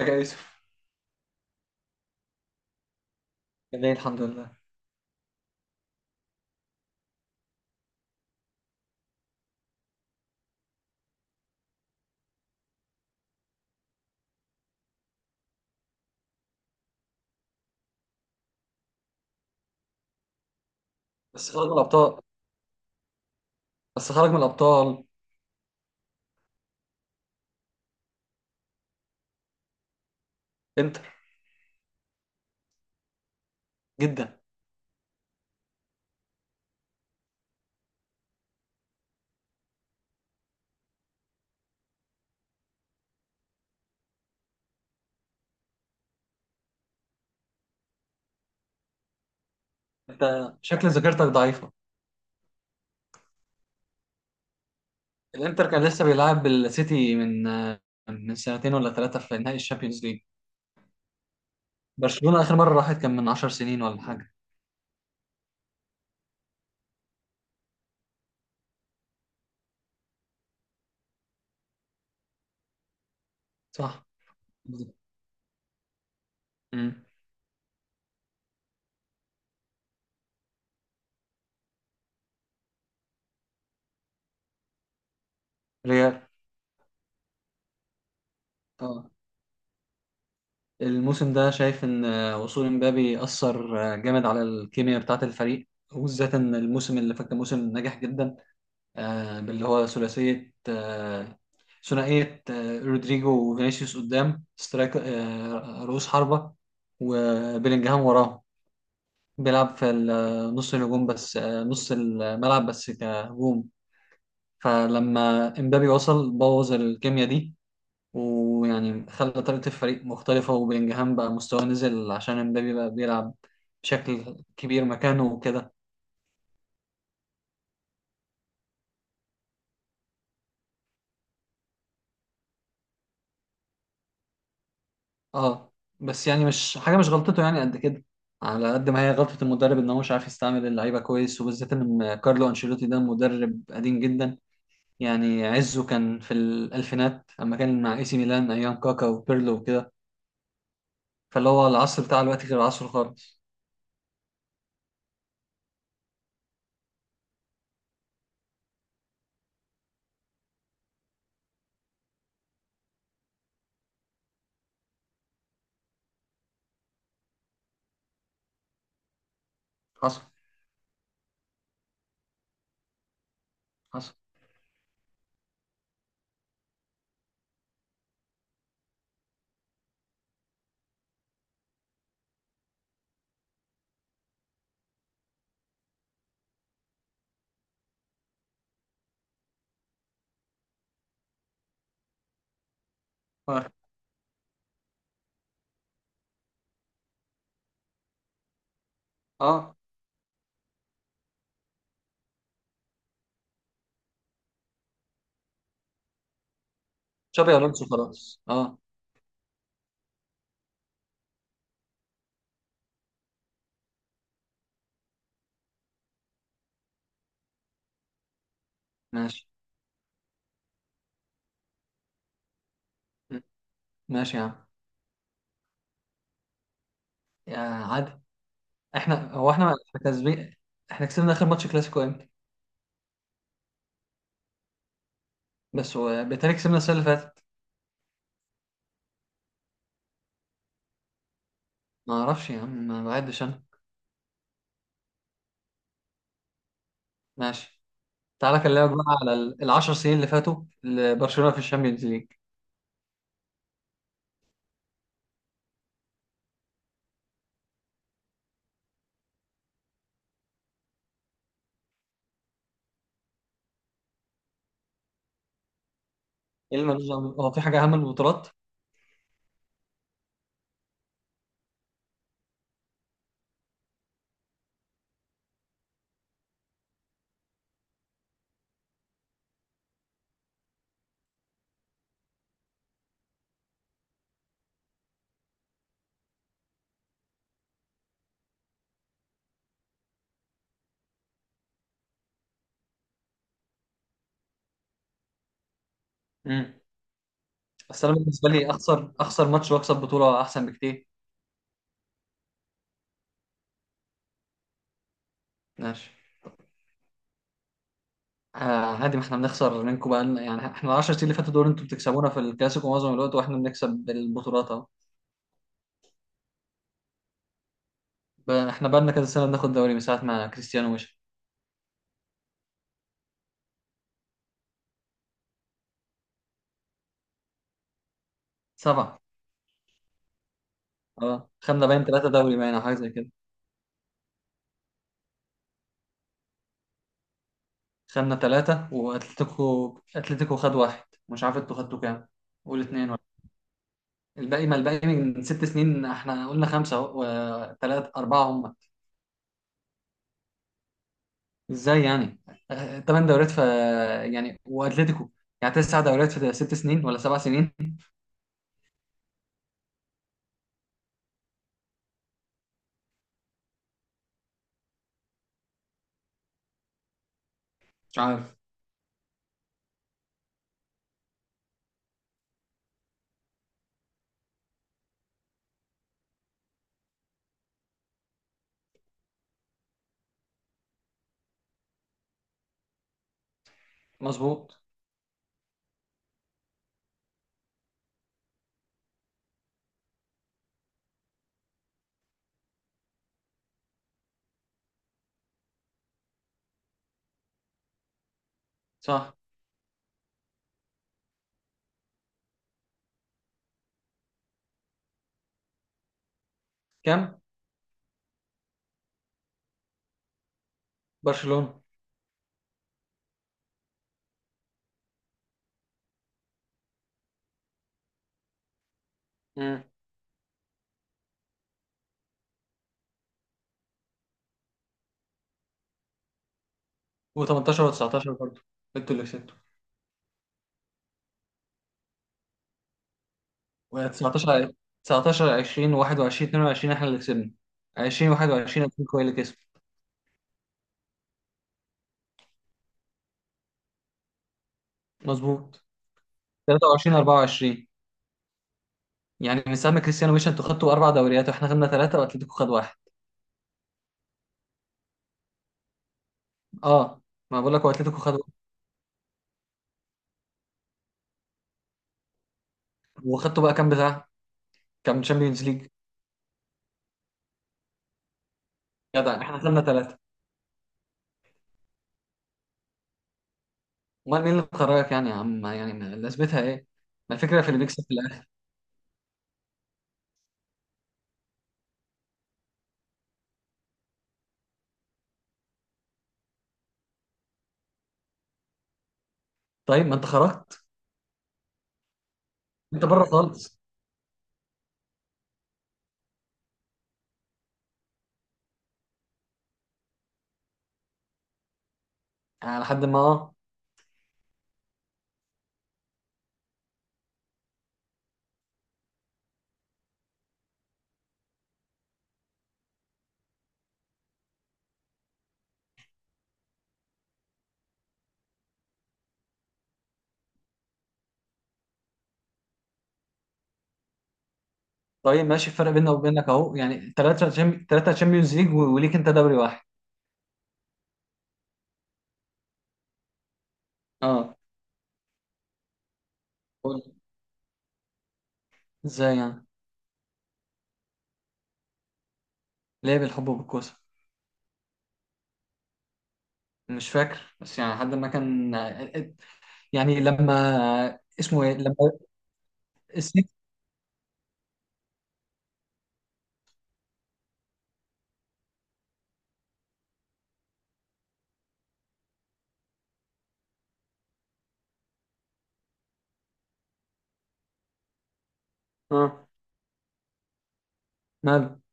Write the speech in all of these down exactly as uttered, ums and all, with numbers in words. ازيك يا يوسف. كان ليه الحمد لله. بس خرج من الابطال. بس خرج من الابطال. انتر. جدا. انت شكل ذاكرتك ضعيفه. الانتر كان لسه بيلعب السيتي من آه، من سنتين ولا ثلاثه في نهائي الشامبيونز ليج. برشلونه اخر مره راحت كان من عشر سنين ولا حاجه. صح. امم. ريال. اه. الموسم ده شايف ان آه، وصول امبابي اثر آه، جامد على الكيمياء بتاعه الفريق، وبالذات ان الموسم اللي فات كان موسم ناجح جدا، آه، باللي هو ثلاثية، آه، ثنائية، آه، رودريجو وفينيسيوس قدام سترايك، آه، رؤوس حربة وبيلينجهام وراهم. بيلعب في ال- آه، نص الهجوم بس، آه، نص الملعب بس كهجوم. فلما امبابي وصل بوظ الكيمياء دي، ويعني خلى طريقة الفريق مختلفة وبيلينجهام بقى مستواه نزل عشان امبابي بقى بيلعب بشكل كبير مكانه وكده. اه. بس يعني مش حاجه، مش غلطته يعني قد كده، على قد ما هي غلطه المدرب ان هو مش عارف يستعمل اللعيبه كويس، وبالذات ان كارلو انشيلوتي ده مدرب قديم جدا. يعني عزه كان في الالفينات اما كان مع اي سي ميلان ايام كاكا وبيرلو وكده. فاللي هو العصر بتاع الوقت غير عصره خالص. حصل. حصل. اه. اه. تشابي الونسو خلاص اه. ماشي. ماشي يا عم. يا عادي. احنا هو احنا احنا كسبين. احنا كسبنا اخر ماتش كلاسيكو امتى؟ بس هو- بالتالي كسبنا السنه اللي فاتت. ما اعرفش يا عم، ما بعدش انا. ماشي. تعالى اكلمك بقى على ال- العشر سنين اللي فاتوا لبرشلونه في الشامبيونز ليج. ايه اللي ملوش دعوة بيه؟ هو في حاجه اهم من البطولات؟ امم. بس انا بالنسبه لي اخسر اخسر ماتش واكسب بطوله احسن بكتير. ماشي. آه. عادي، ما احنا بنخسر منكم بقى لنا- يعني احنا العشر سنين اللي فاتوا دول انتوا بتكسبونا في الكلاسيكو معظم الوقت واحنا بنكسب بالبطولات اهو. ب- احنا بقى لنا كذا سنه بناخد دوري من ساعه ما كريستيانو مشي. سبعه. اه خدنا باين ثلاثه دوري، باين او حاجه زي كده. خدنا ثلاثه، واتلتيكو، اتلتيكو خد واحد. مش عارف انتوا خدتوا كام. قول اتنين. الباقي، ما الباقي من ست سنين، احنا قلنا خمسة اهو، وثلاثة أربعة هم. ازاي يعني؟ آه، تمن دوريات في. يعني وأتلتيكو. يعني تسع دوريات في ست سنين ولا سبع سنين. مش عارف. مظبوط. صح. كام. برشلونة. مم. و18 و19 برضه انتوا اللي كسبتوا. و19، تسعتاشر عشرين واحد وعشرين اتنين وعشرين احنا اللي كسبنا. عشرين واحد وعشرين اتلتيكو هي اللي كسبت. مظبوط. تلاتة وعشرين اربعة وعشرين. يعني من ساعة ما كريستيانو مشى انتوا خدتوا أربع دوريات واحنا خدنا ثلاثة وأتلتيكو خد واحد. اه. ما بقول لك هو اتلتيكو خدوا. وخدتوا بقى كام بتاع؟ كام تشامبيونز ليج؟ جدع احنا خدنا ثلاثه. امال مين اللي خرجك يعني يا عم؟ يعني ما- لازمتها ايه؟ ما الفكره في اللي بيكسب في الاخر. طيب ما انت خرجت. انت بره خالص. يعني لحد ما اه. طيب ماشي. الفرق بيننا وبينك اهو يعني ثلاثه جم... ثلاثه تشامبيونز ليج و- وليك انت دوري واحد. اه. قول. ازاي يعني؟ ليه بالحب وبالكوسه؟ مش فاكر، بس يعني لحد ما كان. يعني لما. اسمه ايه لما. السيتي. اه ماله.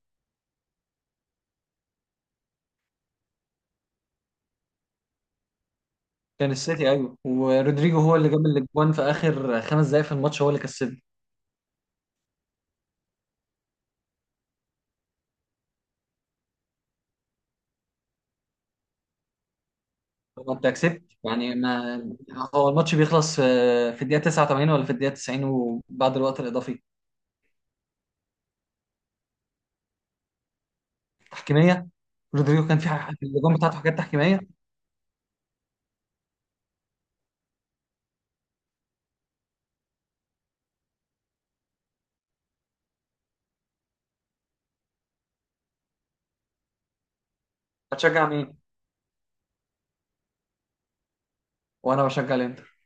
كان السيتي ايوه، ورودريجو هو اللي جاب الاجوان في اخر خمس دقايق في الماتش، هو اللي كسبه. طب انت كسبت يعني ما. هو الماتش بيخلص آه، في الدقيقه تسعة وتمانين ولا في الدقيقه تسعين وبعد الوقت الاضافي. تحكيميه. رودريجو كان في ح- الاجوان بتاعته حاجات تحكيميه. هتشجع مين؟ وانا بشجع الانتر.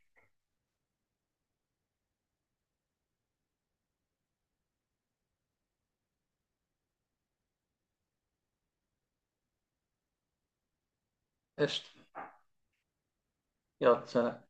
قشطه. يلا سلام.